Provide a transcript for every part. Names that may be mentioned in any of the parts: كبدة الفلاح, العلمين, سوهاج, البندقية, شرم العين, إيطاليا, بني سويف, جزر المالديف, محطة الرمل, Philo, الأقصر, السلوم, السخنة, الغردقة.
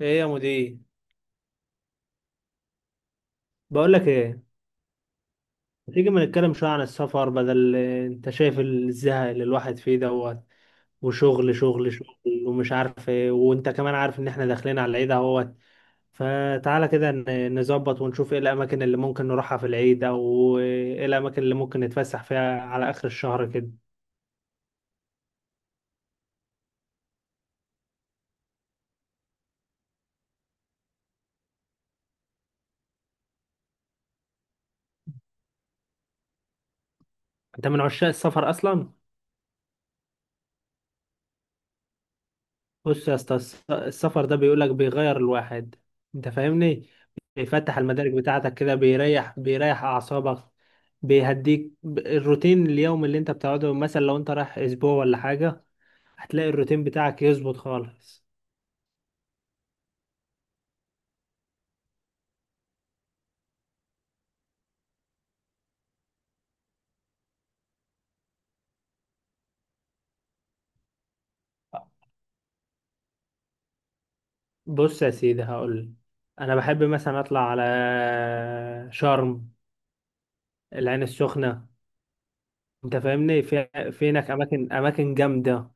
ايه يا مدير. بقول لك ايه، ما تيجي ما نتكلم شويه عن السفر؟ بدل انت شايف الزهق اللي الواحد فيه دوت وشغل شغل شغل ومش عارف ايه، وانت كمان عارف ان احنا داخلين على العيد اهوت. فتعالى كده نظبط ونشوف ايه الاماكن اللي ممكن نروحها في العيد، او ايه الاماكن اللي ممكن نتفسح فيها على اخر الشهر كده. انت من عشاق السفر اصلا. بص يا اسطى، السفر ده بيقولك بيغير الواحد، انت فاهمني؟ بيفتح المدارك بتاعتك كده، بيريح بيريح اعصابك، بيهديك الروتين اليوم اللي انت بتقعده، مثلا لو انت رايح اسبوع ولا حاجة هتلاقي الروتين بتاعك يظبط خالص. بص يا سيدي، هقول. انا بحب مثلا اطلع على شرم، العين السخنة، انت فاهمني. في هناك اماكن جامدة،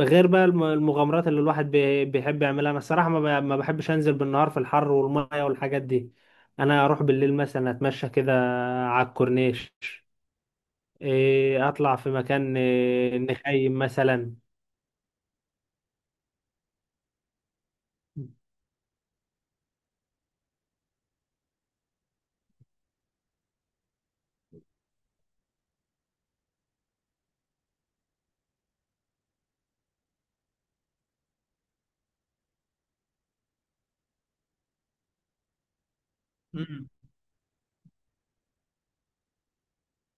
غير بقى المغامرات اللي الواحد بيحب يعملها. انا الصراحه ما بحبش انزل بالنهار في الحر والميه والحاجات دي. انا اروح بالليل مثلا، اتمشى كده على الكورنيش، اطلع في مكان، نخيم مثلا. مم.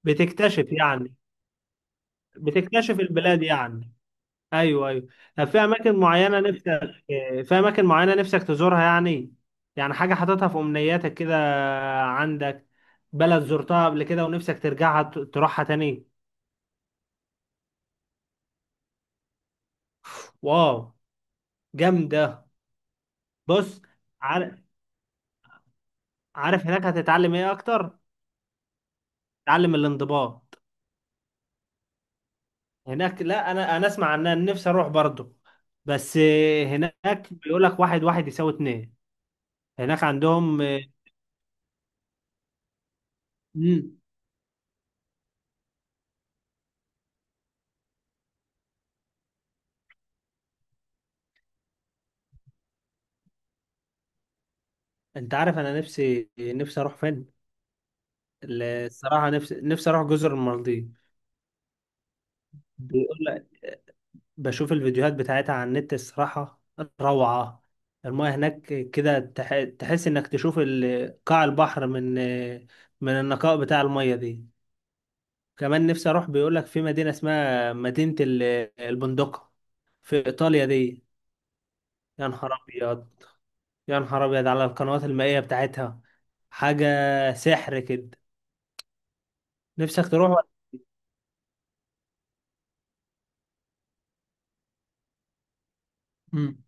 بتكتشف يعني، بتكتشف البلاد يعني. ايوه ايوه. طب في اماكن معينه نفسك، في اماكن معينه نفسك تزورها يعني؟ يعني حاجه حاططها في امنياتك كده، عندك بلد زرتها قبل كده ونفسك ترجعها تروحها تاني؟ واو، جامدة. بص، عارف، عارف هناك هتتعلم ايه اكتر؟ تعلم الانضباط. هناك، لا انا، انا اسمع عنها، نفسي اروح برضو، بس. هناك بيقول لك واحد واحد يساوي اتنين. هناك عندهم. مم. انت عارف انا نفسي، نفسي اروح فين؟ الصراحة نفسي، نفسي اروح جزر المالديف. بيقول، بشوف الفيديوهات بتاعتها على النت الصراحة روعة. المياه هناك كده تحس انك تشوف قاع البحر من، من النقاء بتاع المياه دي. كمان نفسي اروح، بيقولك في مدينة اسمها مدينة البندقة في ايطاليا دي. يا نهار ابيض، يا نهار ابيض على القنوات المائية بتاعتها. حاجة سحر كده. نفسك تروح ولا؟ مم.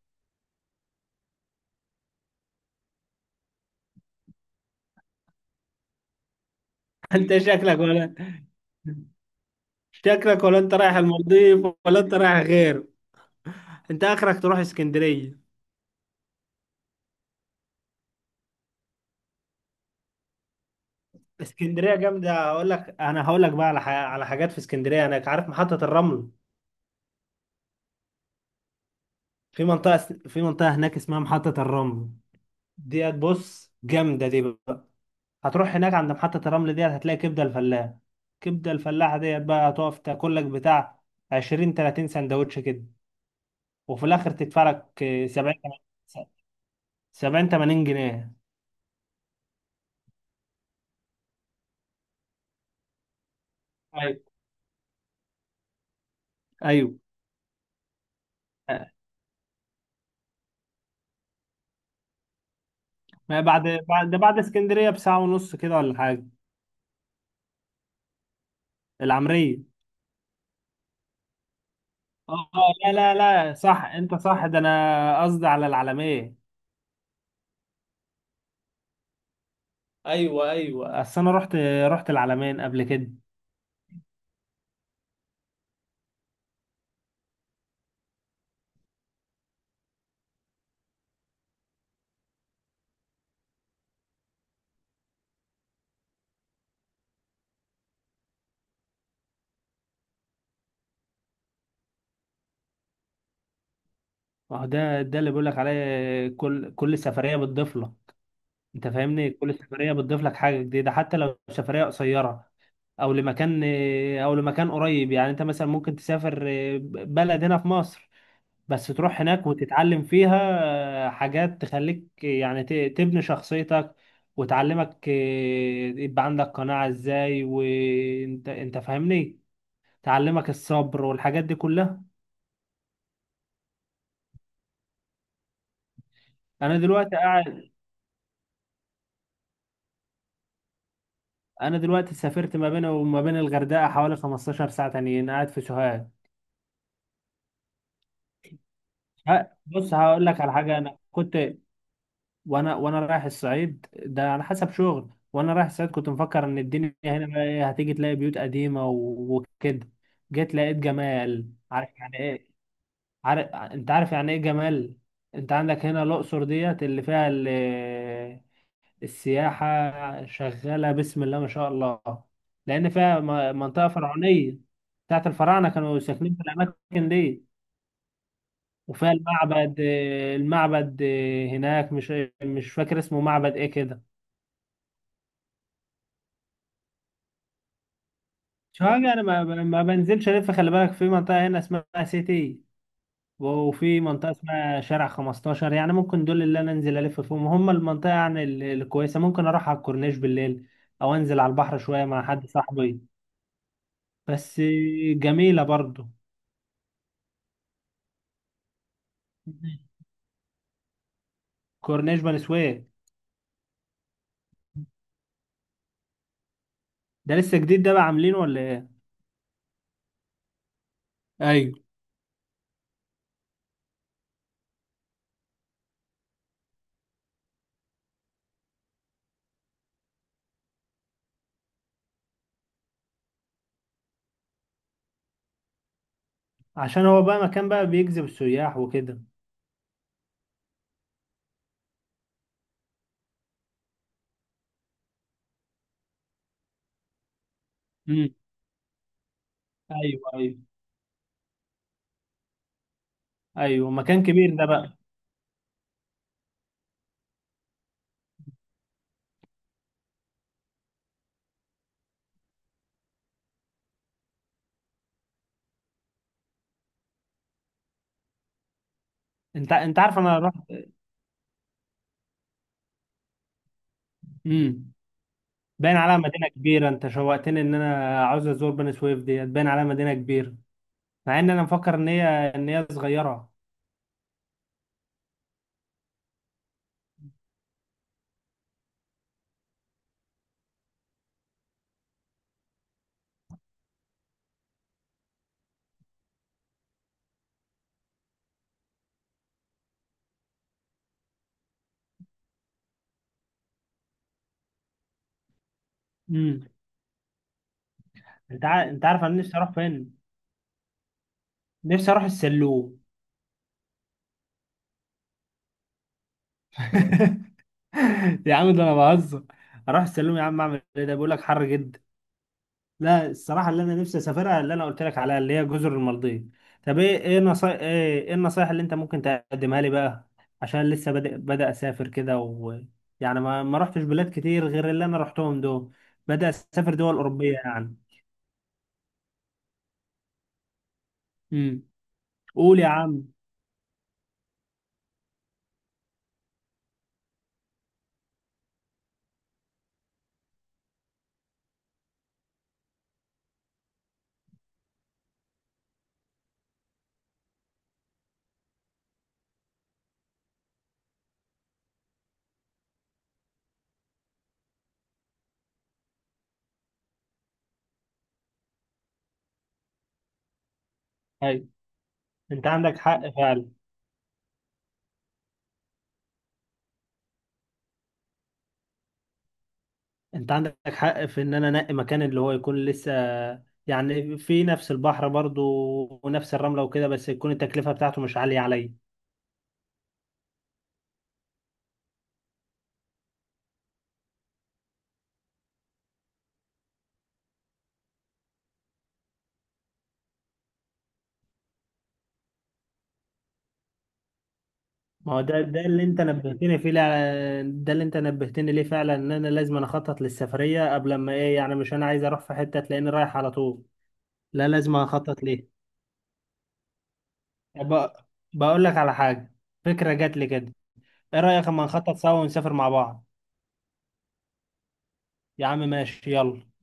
انت شكلك ولا، شكلك ولا انت رايح المالديف ولا انت رايح غير. انت اخرك تروح اسكندرية. اسكندريه جامده، هقول لك، انا هقول لك بقى على على حاجات في اسكندريه. هناك عارف محطه الرمل؟ في منطقه في منطقه هناك اسمها محطه الرمل ديت، بص جامده دي بقى. هتروح هناك عند محطه الرمل ديت، هتلاقي كبده الفلاح. كبده الفلاح ديت بقى هتقف تاكل لك بتاع 20 30 سندوتش كده، وفي الاخر تدفع لك 70، 70 80 جنيه. ايوه ايوه. آه، ما بعد، بعد ده بعد اسكندريه بساعه ونص كده ولا حاجه. العمريه؟ اه، لا لا. لا صح، انت صح، ده انا قصدي على العلمية. ايوه ايوه، اصل انا رحت، رحت العلمين قبل كده. ما هو ده ده اللي بقول لك عليه، كل كل سفرية بتضيف لك، انت فاهمني؟ كل سفرية بتضيف لك حاجة جديدة، حتى لو سفرية قصيرة، او لمكان، او لمكان قريب. يعني انت مثلا ممكن تسافر بلد هنا في مصر، بس تروح هناك وتتعلم فيها حاجات تخليك يعني تبني شخصيتك، وتعلمك، يبقى عندك قناعة ازاي، وانت، انت فاهمني، تعلمك الصبر والحاجات دي كلها. انا دلوقتي قاعد، انا دلوقتي سافرت ما بين وما بين الغردقة حوالي 15 ساعة تانيين، قاعد في سوهاج. بص هقول لك على حاجة. انا كنت، وانا رايح الصعيد ده على حسب شغل، وانا رايح الصعيد كنت مفكر ان الدنيا هنا بقى، هتيجي تلاقي بيوت قديمه وكده. جيت لقيت جمال، عارف يعني ايه؟ عارف، انت عارف يعني ايه جمال؟ انت عندك هنا الاقصر ديت اللي فيها السياحه شغاله بسم الله ما شاء الله، لان فيها منطقه فرعونيه بتاعت الفراعنه كانوا ساكنين في الاماكن دي. وفيها المعبد، المعبد هناك، مش، مش فاكر اسمه معبد ايه كده. شوارع انا ما بنزلش الف، خلي بالك. في منطقه هنا اسمها سيتي، وفي منطقه اسمها شارع 15، يعني ممكن دول اللي انا انزل الف فيهم هم المنطقه يعني الكويسه. ممكن اروح على الكورنيش بالليل، او انزل على البحر شويه مع حد صاحبي، بس. جميله برضو. كورنيش بني سويف، ده لسه جديد ده بقى، عاملينه ولا ايه؟ ايوه. عشان هو بقى مكان بقى بيجذب السياح وكده. امم. ايوه ايوه. ايوه مكان كبير ده بقى. انت عارف، انا رحت. امم. باين عليها مدينة كبيرة، انت شوقتني ان انا عاوز ازور بني سويف ديت، باين عليها مدينة كبيرة، مع ان انا مفكر ان هي، ان هي صغيرة. امم. انت عارف انا نفسي اروح فين؟ نفسي اروح السلوم. يا عم ده انا بهزر. اروح السلوم يا عم اعمل ايه؟ ده بيقول لك حر جدا. لا الصراحة اللي أنا نفسي أسافرها اللي أنا قلت لك عليها اللي هي جزر المالديف. طب إيه، إيه النصائح اللي أنت ممكن تقدمها لي بقى؟ عشان لسه بدأ بدأ أسافر كده، و يعني ما ما رحتش بلاد كتير غير اللي أنا رحتهم دول. بدأ أسافر دول أوروبية يعني. امم. قول يا عم. أيوة، أنت عندك حق فعلا. أنت عندك حق في إن أنا أنقي مكان اللي هو يكون لسه يعني في نفس البحر برضو، ونفس الرملة وكده، بس يكون التكلفة بتاعته مش عالية عليا. ما هو ده ده اللي انت نبهتني فيه ده اللي انت نبهتني ليه فعلا، ان انا لازم، أنا اخطط للسفريه قبل ما ايه، يعني مش انا عايز اروح في حته تلاقيني رايح على طول، لا لازم اخطط ليه. ب- بقول لك على حاجه، فكره جات لي كده. ايه رايك اما نخطط سوا ونسافر مع بعض؟ يا عم ماشي، يلا.